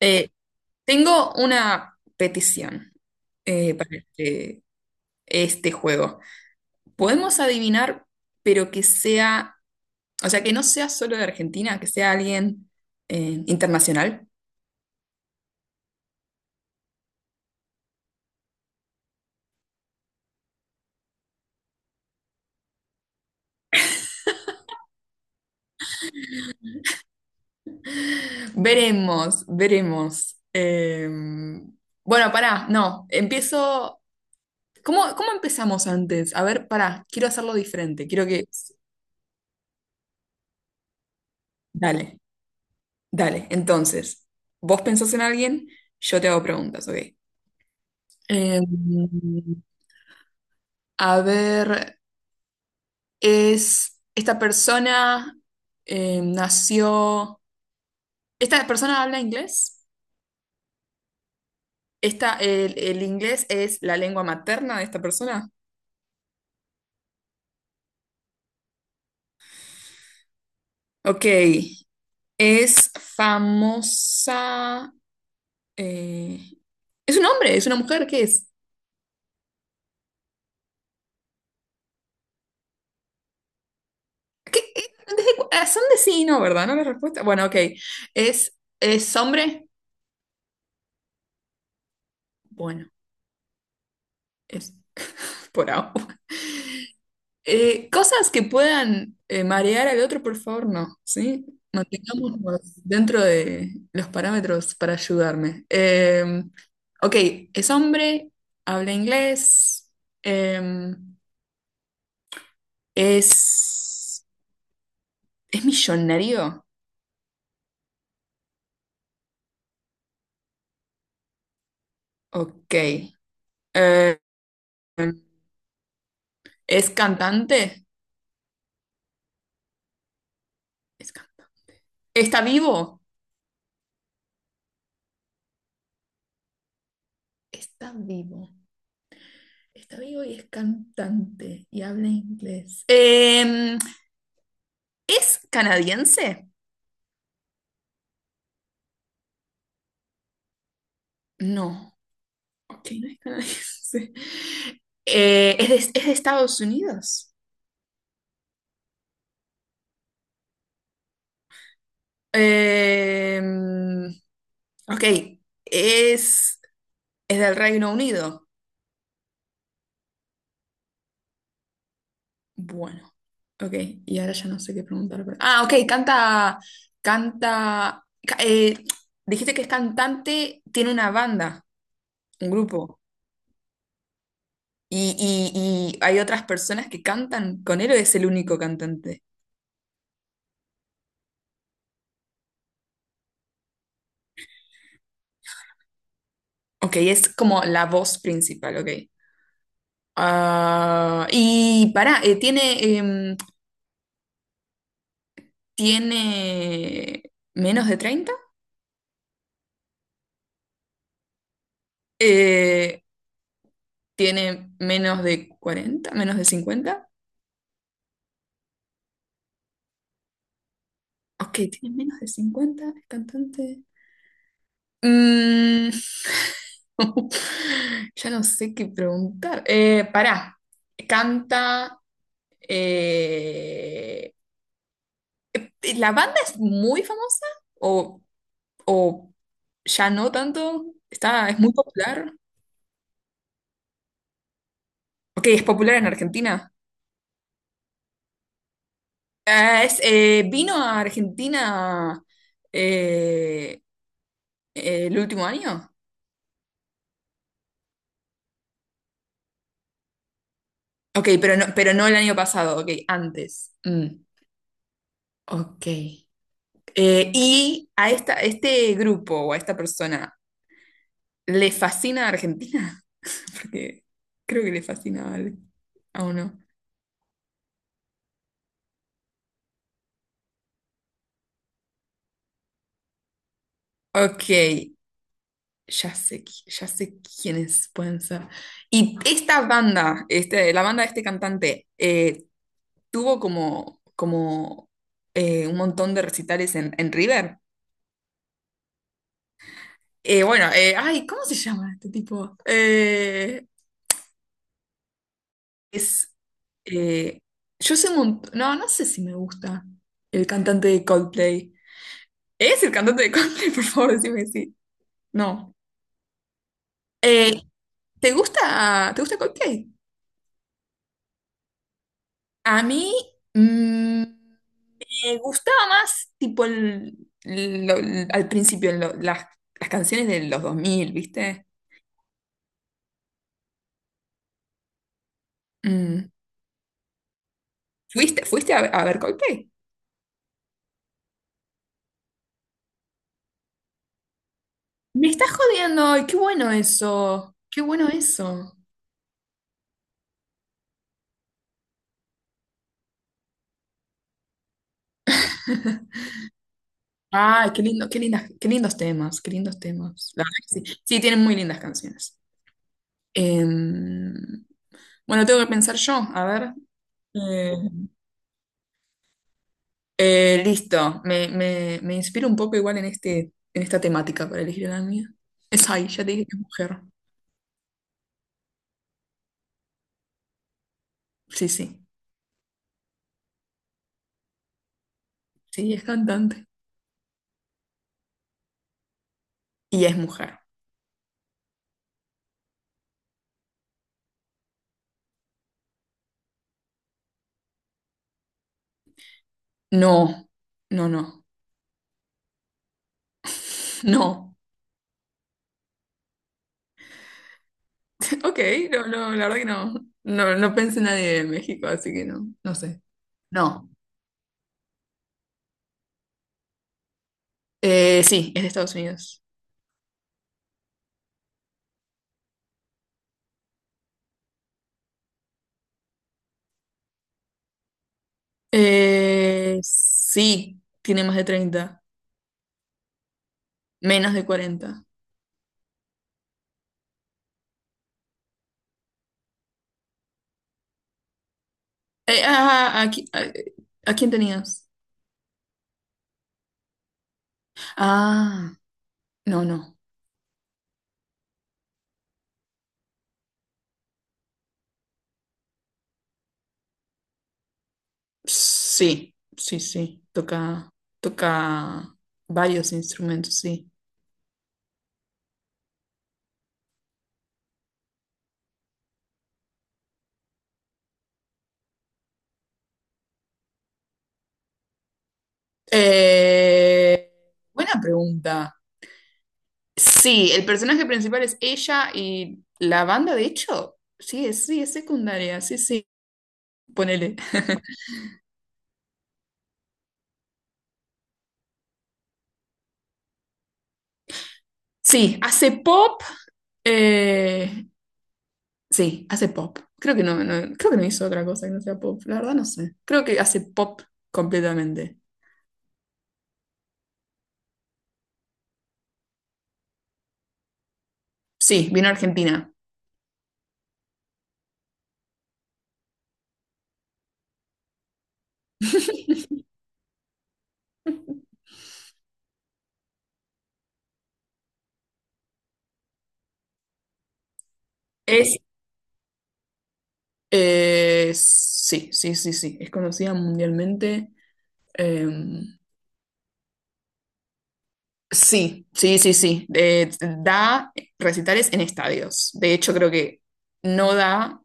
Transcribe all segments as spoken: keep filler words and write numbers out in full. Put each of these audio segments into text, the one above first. Eh, Tengo una petición eh, para este, este juego. Podemos adivinar, pero que sea, o sea, que no sea solo de Argentina, que sea alguien eh, internacional. Veremos, veremos. Eh, bueno, pará, no, empiezo. ¿Cómo, cómo empezamos antes? A ver, pará, quiero hacerlo diferente. Quiero que. Dale, dale. Entonces, vos pensás en alguien, yo te hago preguntas, ¿ok? Eh, A ver, es esta persona eh, nació. ¿Esta persona habla inglés? Esta, el, el inglés es la lengua materna de esta persona? Ok. Es famosa. eh, ¿Es un hombre? ¿Es una mujer? ¿Qué es? ¿Qué- qué- desde cu- ah, ¿Son de sí y no, ¿verdad? ¿No la respuesta? Bueno, ok. ¿Es, es hombre? Bueno, es por ahora. Eh, cosas que puedan eh, marear al otro, por favor, no, ¿sí? Mantengámonos dentro de los parámetros para ayudarme. Eh, ok, es hombre, habla inglés, eh, es, es millonario, ok. Eh, es cantante, es cantante. ¿Está vivo? Está vivo. Está vivo y es cantante y habla inglés. Eh, ¿es canadiense? No, ok, no es canadiense. Eh, es de, es de Estados Unidos. Eh, ok, es, es del Reino Unido. Bueno, ok, y ahora ya no sé qué preguntar. pero- Ah, ok, canta, canta, ca- eh, dijiste que es cantante, tiene una banda, un grupo, y, y- y hay otras personas que cantan con él o es el único cantante. Ok, es como la voz principal, ok. Ah, y pará, eh, ¿tiene, em, ¿tiene menos de treinta? Eh, ¿Tiene menos de cuarenta? ¿Menos de cincuenta? Ok, tiene menos de cincuenta el cantante. Mm, ya no sé qué preguntar. Eh, pará, canta... eh, ¿la banda es muy famosa? ¿O, o ya no tanto? ¿Está, es muy popular? Ok, es popular en Argentina. Ah, es, eh, ¿vino a Argentina eh, eh, el último año? Ok, pero no, pero no el año pasado, ok, antes. Mm, ok. Eh, ¿y a esta, este grupo o a esta persona le fascina Argentina? Porque creo que le fascina a, al- a uno. Ok, ya sé, qui- ya sé quiénes pueden ser. ¿Y esta banda, este, la banda de este cantante, eh, tuvo como, como eh, un montón de recitales en, en River. Eh, bueno, eh, ay, ¿cómo se llama este tipo? Eh, es, eh, yo sé un montón, no, no sé si me gusta el cantante de Coldplay. ¿Es el cantante de Coldplay? Por favor, decime sí. No. Eh, ¿te gusta, te gusta Coldplay? A mí mm, me gustaba más, tipo, el- lo- al principio, lo- las, las canciones de los dos mil, ¿viste? Mm. ¿Fuiste, fuiste a, a ver Coldplay? Me estás jodiendo, ay, qué bueno eso, qué bueno eso. Ay, qué lindo, qué lindas, qué lindos temas, qué lindos temas. La verdad que sí, sí, tienen muy lindas canciones. Em, bueno, tengo que pensar yo, a ver. Eh, eh, Listo, me, me, me inspiro un poco igual en este, en esta temática para elegir la mía. Es ahí, ya te dije que es mujer. Sí, sí, sí, es cantante. Y es mujer. No, no, no, no. Ok, no, no, la verdad que no. No, no pensé en nadie de México, así que no, no sé. No. Eh, sí, es de Estados Unidos. Eh, sí, tiene más de treinta, menos de cuarenta. Eh, ah, aquí- ah, eh, ¿A quién tenías? Ah, no, no. Sí, sí, sí. Toca, toca, varios instrumentos, sí. Eh, Buena pregunta. Sí, el personaje principal es ella y la banda, de hecho, sí, es, sí, es secundaria, sí, sí, ponele. Sí, hace pop, eh, sí, hace pop. Creo que no, no- creo que no hizo otra cosa que no sea pop, la verdad no sé. Creo que hace pop completamente. Sí, vino a Argentina. Es, eh, sí, sí, sí, sí, es conocida mundialmente. Eh, sí, sí, sí, sí. Eh, da recitales en estadios. De hecho, creo que no da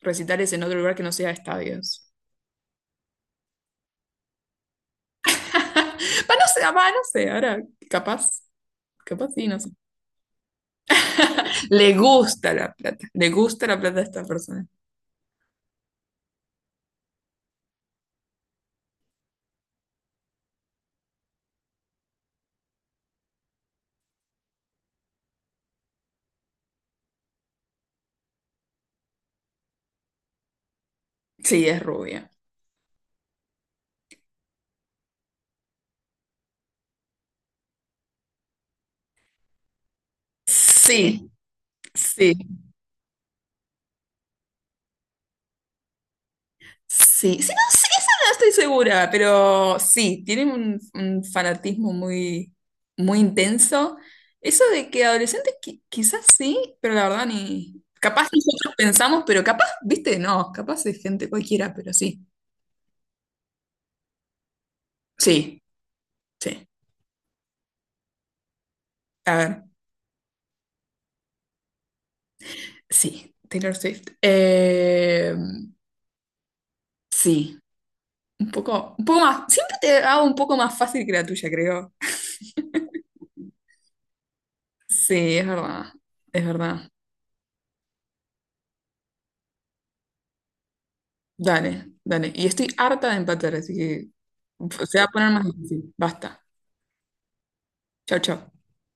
recitales en otro lugar que no sea estadios. Va, no sé, va, no sé, ahora capaz, capaz sí, no sé. Le gusta la plata, le gusta la plata a esta persona. Sí, es rubia. Sí, sí, sí, sí, no, sí, esa no estoy segura, pero sí, tienen un, un fanatismo muy, muy intenso. Eso de que adolescentes qui- quizás sí, pero la verdad ni... Capaz nosotros pensamos, pero capaz, viste, no, capaz es gente cualquiera, pero sí, sí, sí. A ver. Sí, Taylor Swift. Eh, sí, un poco, un poco más. Siempre te hago un poco más fácil que la tuya, creo. Sí, es verdad, es verdad. Dale, dale. Y estoy harta de empatar, así que se va a poner más difícil. Basta. Chao, chao.